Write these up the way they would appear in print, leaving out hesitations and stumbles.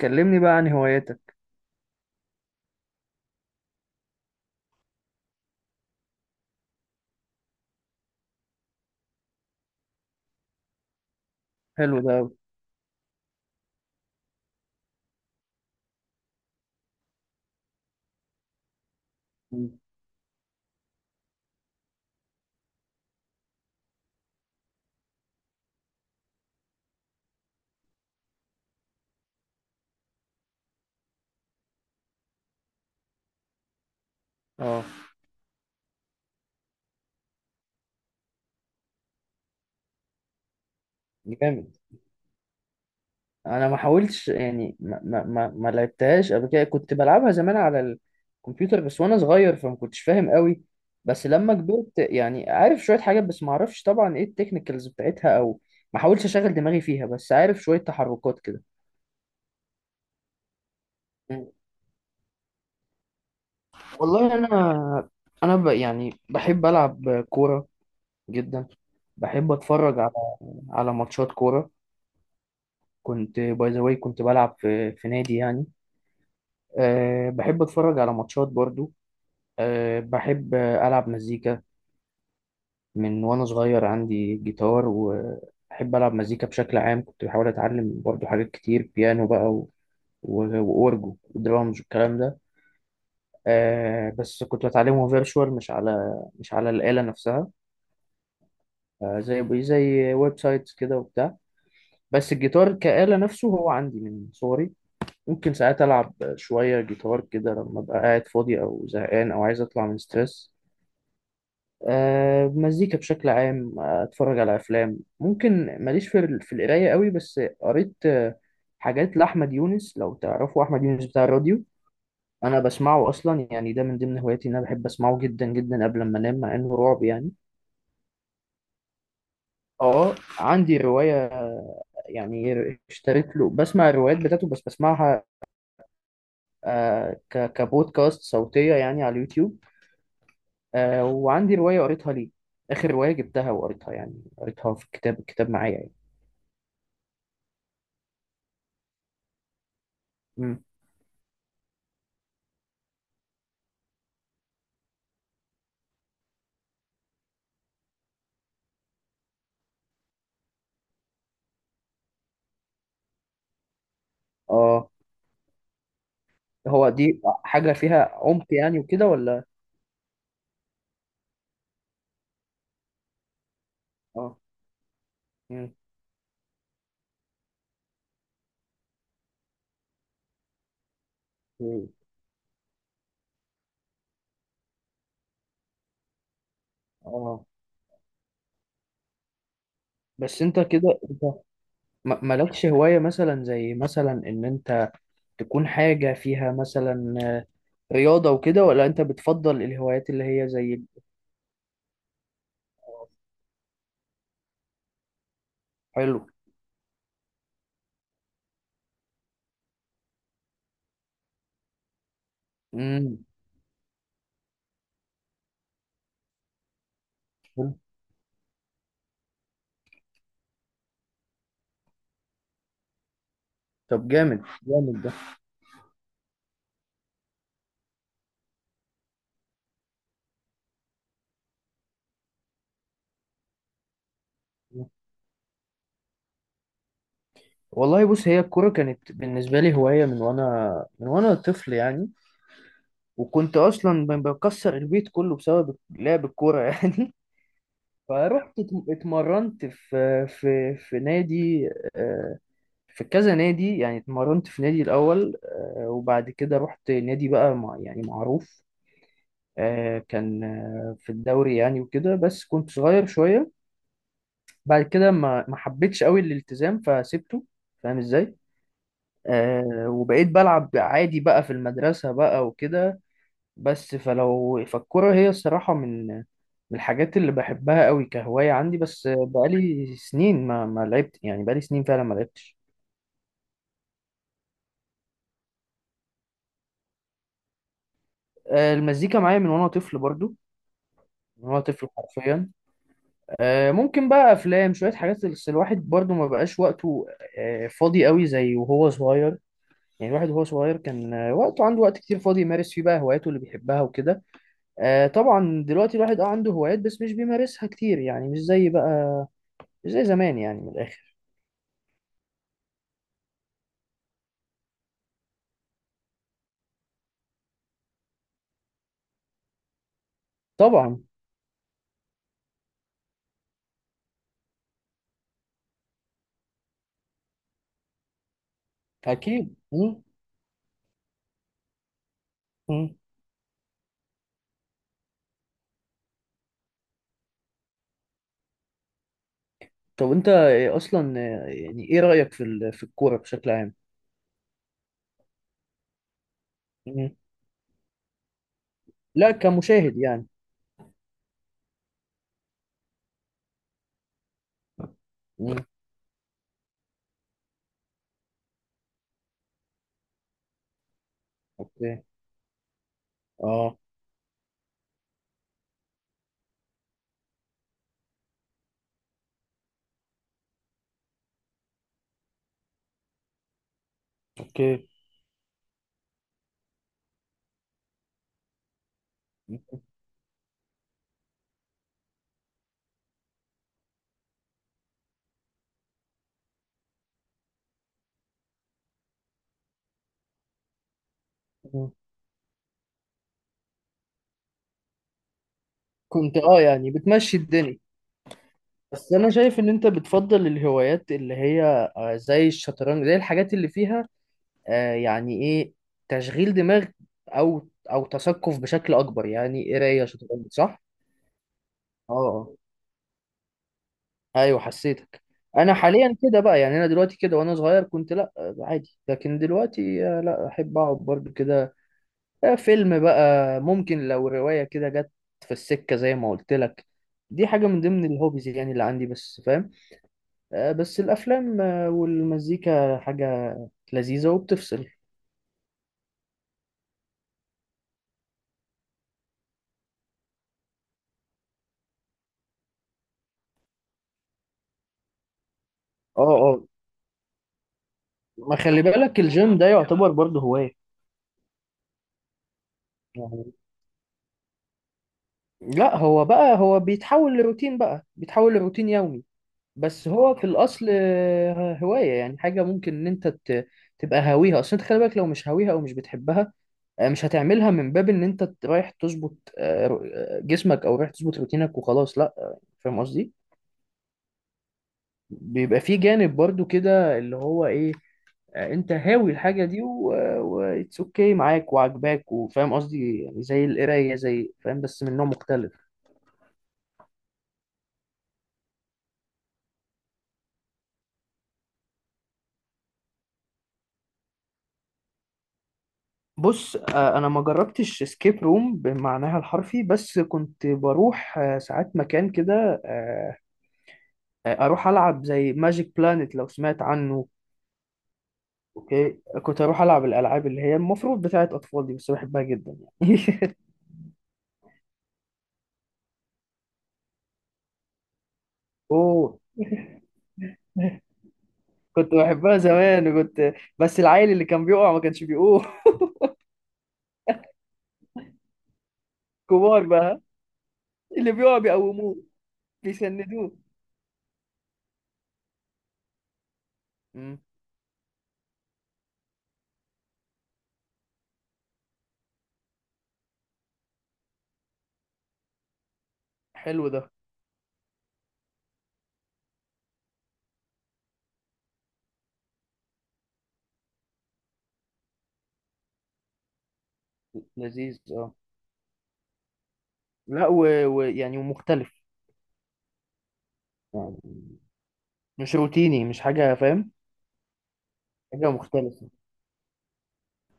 كلمني بقى عن هواياتك. حلو ده أوي. مم. اه. جامد. انا ما حاولتش يعني ما لعبتهاش قبل كده، كنت بلعبها زمان على الكمبيوتر بس وانا صغير فما كنتش فاهم قوي. بس لما كبرت يعني عارف شوية حاجات، بس ما اعرفش طبعا ايه التكنيكالز بتاعتها او ما حاولتش اشغل دماغي فيها، بس عارف شوية تحركات كده. مم. والله انا يعني بحب العب كورة جدا. بحب اتفرج على ماتشات كورة. كنت باي ذا واي كنت بلعب في نادي يعني. أه بحب اتفرج على ماتشات برضو. أه بحب العب مزيكا. من وانا صغير عندي جيتار وبحب العب مزيكا بشكل عام، كنت بحاول اتعلم برضو حاجات كتير، بيانو بقى واورجو ودرامز والكلام ده. أه بس كنت بتعلمه فيرتشوال، مش على الآلة نفسها. أه زي ويب سايتس كده وبتاع. بس الجيتار كآلة نفسه هو عندي من صغري. ممكن ساعات ألعب شوية جيتار كده لما أبقى قاعد فاضي أو زهقان أو عايز أطلع من ستريس. أه مزيكا بشكل عام. أتفرج على أفلام ممكن. ماليش في القراية قوي، بس قريت حاجات لأحمد يونس، لو تعرفوا أحمد يونس بتاع الراديو. أنا بسمعه أصلا يعني، ده من ضمن هواياتي إن أنا بحب أسمعه جدا جدا قبل ما أنام مع إنه رعب يعني. أه عندي رواية يعني، اشتريت له بسمع الروايات بتاعته، بس بسمعها كبودكاست صوتية يعني على اليوتيوب. آه وعندي رواية قريتها ليه. آخر رواية جبتها وقريتها، يعني قريتها في الكتاب معايا يعني. مم. اه. هو دي حاجة فيها عمق يعني وكده ولا؟ اه. مم. مم. اه. بس انت كده، انت مالكش هواية مثلا، زي مثلا ان انت تكون حاجة فيها مثلا رياضة وكده، ولا انت بتفضل الهوايات اللي هي زي. حلو. امم. طب جامد جامد ده. والله بص، هي الكورة كانت بالنسبة لي هواية من وانا طفل يعني. وكنت اصلا بكسر البيت كله بسبب لعب الكوره يعني. فرحت اتمرنت في نادي. آه، في كذا نادي يعني، اتمرنت في نادي الاول. آه، وبعد كده رحت نادي بقى مع يعني معروف. آه، كان في الدوري يعني وكده، بس كنت صغير شويه. بعد كده ما حبيتش قوي الالتزام فسيبته. فاهم ازاي؟ آه، وبقيت بلعب عادي بقى في المدرسه بقى وكده. بس فالكرة هي الصراحة من الحاجات اللي بحبها قوي كهواية عندي، بس بقالي سنين ما لعبت، يعني بقالي سنين فعلا ما لعبتش. آه، المزيكا معايا من وانا طفل برضو. من وانا طفل حرفيا. آه، ممكن بقى افلام شوية حاجات، بس الواحد برضو ما بقاش وقته فاضي قوي زي وهو صغير. يعني الواحد وهو صغير كان وقته عنده وقت كتير فاضي يمارس فيه بقى هواياته اللي بيحبها وكده. آه، طبعا دلوقتي الواحد عنده هوايات بس مش بيمارسها كتير، يعني مش زي بقى، مش زي زمان يعني من الآخر. طبعا. أكيد. مم. مم. طب أنت إيه أصلا، يعني إيه رأيك في الكورة بشكل عام؟ مم. لا كمشاهد يعني. مم. أوكي. أه. أوكي. مم. كنت يعني بتمشي الدنيا. بس أنا شايف إن أنت بتفضل الهوايات اللي هي زي الشطرنج، زي الحاجات اللي فيها يعني إيه، تشغيل دماغ أو تثقف بشكل أكبر، يعني قراية شطرنج، صح؟ أه. ايوه حسيتك. انا حاليا كده بقى يعني، انا دلوقتي كده وانا صغير كنت لا عادي، لكن دلوقتي لا احب اقعد برضو كده فيلم بقى. ممكن لو رواية كده جت في السكة زي ما قلت لك، دي حاجة من ضمن الهوبيز يعني اللي عندي، بس فاهم بس الافلام والمزيكا حاجة لذيذة وبتفصل. اه، اه. ما خلي بالك الجيم ده يعتبر برضو هواية يعني. لا، هو بقى هو بيتحول لروتين، بقى بيتحول لروتين يومي. بس هو في الاصل هوايه يعني، حاجه ممكن ان انت تبقى هاويها. اصل انت خلي بالك لو مش هاويها او مش بتحبها مش هتعملها من باب ان انت رايح تظبط جسمك، او رايح تظبط روتينك وخلاص، لا فاهم قصدي. بيبقى في جانب برضو كده اللي هو ايه، انت هاوي الحاجه دي واتس اوكي معاك وعجباك، وفاهم قصدي يعني، زي القرايه زي، فاهم، بس من نوع مختلف. بص انا ما جربتش سكيب روم بمعناها الحرفي، بس كنت بروح ساعات مكان كده، اروح العب زي ماجيك بلانت، لو سمعت عنه. اوكي كنت اروح العب الالعاب اللي هي المفروض بتاعت اطفال دي، بس بحبها جدا يعني اوه. كنت بحبها زمان بس العيل اللي كان بيقع ما كانش بيقوم. كبار بقى. اللي بيقع بيقوموه، بيسندوه. مم. حلو ده. لذيذ اه. لا، ويعني يعني ومختلف. يعني مش روتيني، مش حاجة، فاهم. حاجة مختلفة.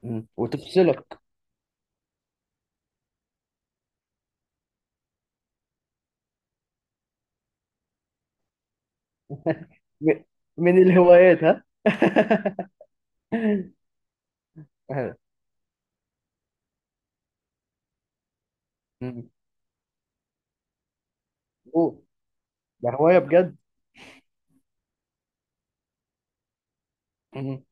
مم. وتفصلك. م- من الهوايات، ها؟ مم. أوه، ده هواية بجد. مم.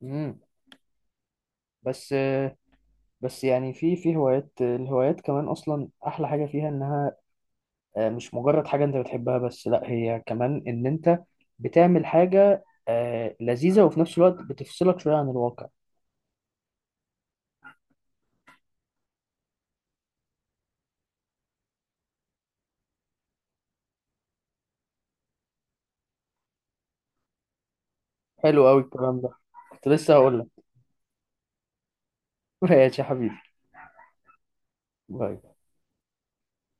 مم. بس بس يعني في الهوايات كمان أصلا أحلى حاجة فيها إنها مش مجرد حاجة أنت بتحبها بس، لأ هي كمان إن أنت بتعمل حاجة لذيذة وفي نفس الوقت بتفصلك شوية عن الواقع. حلو أوي الكلام ده. كنت لسه هقول لك. ماشي يا حبيبي. باي.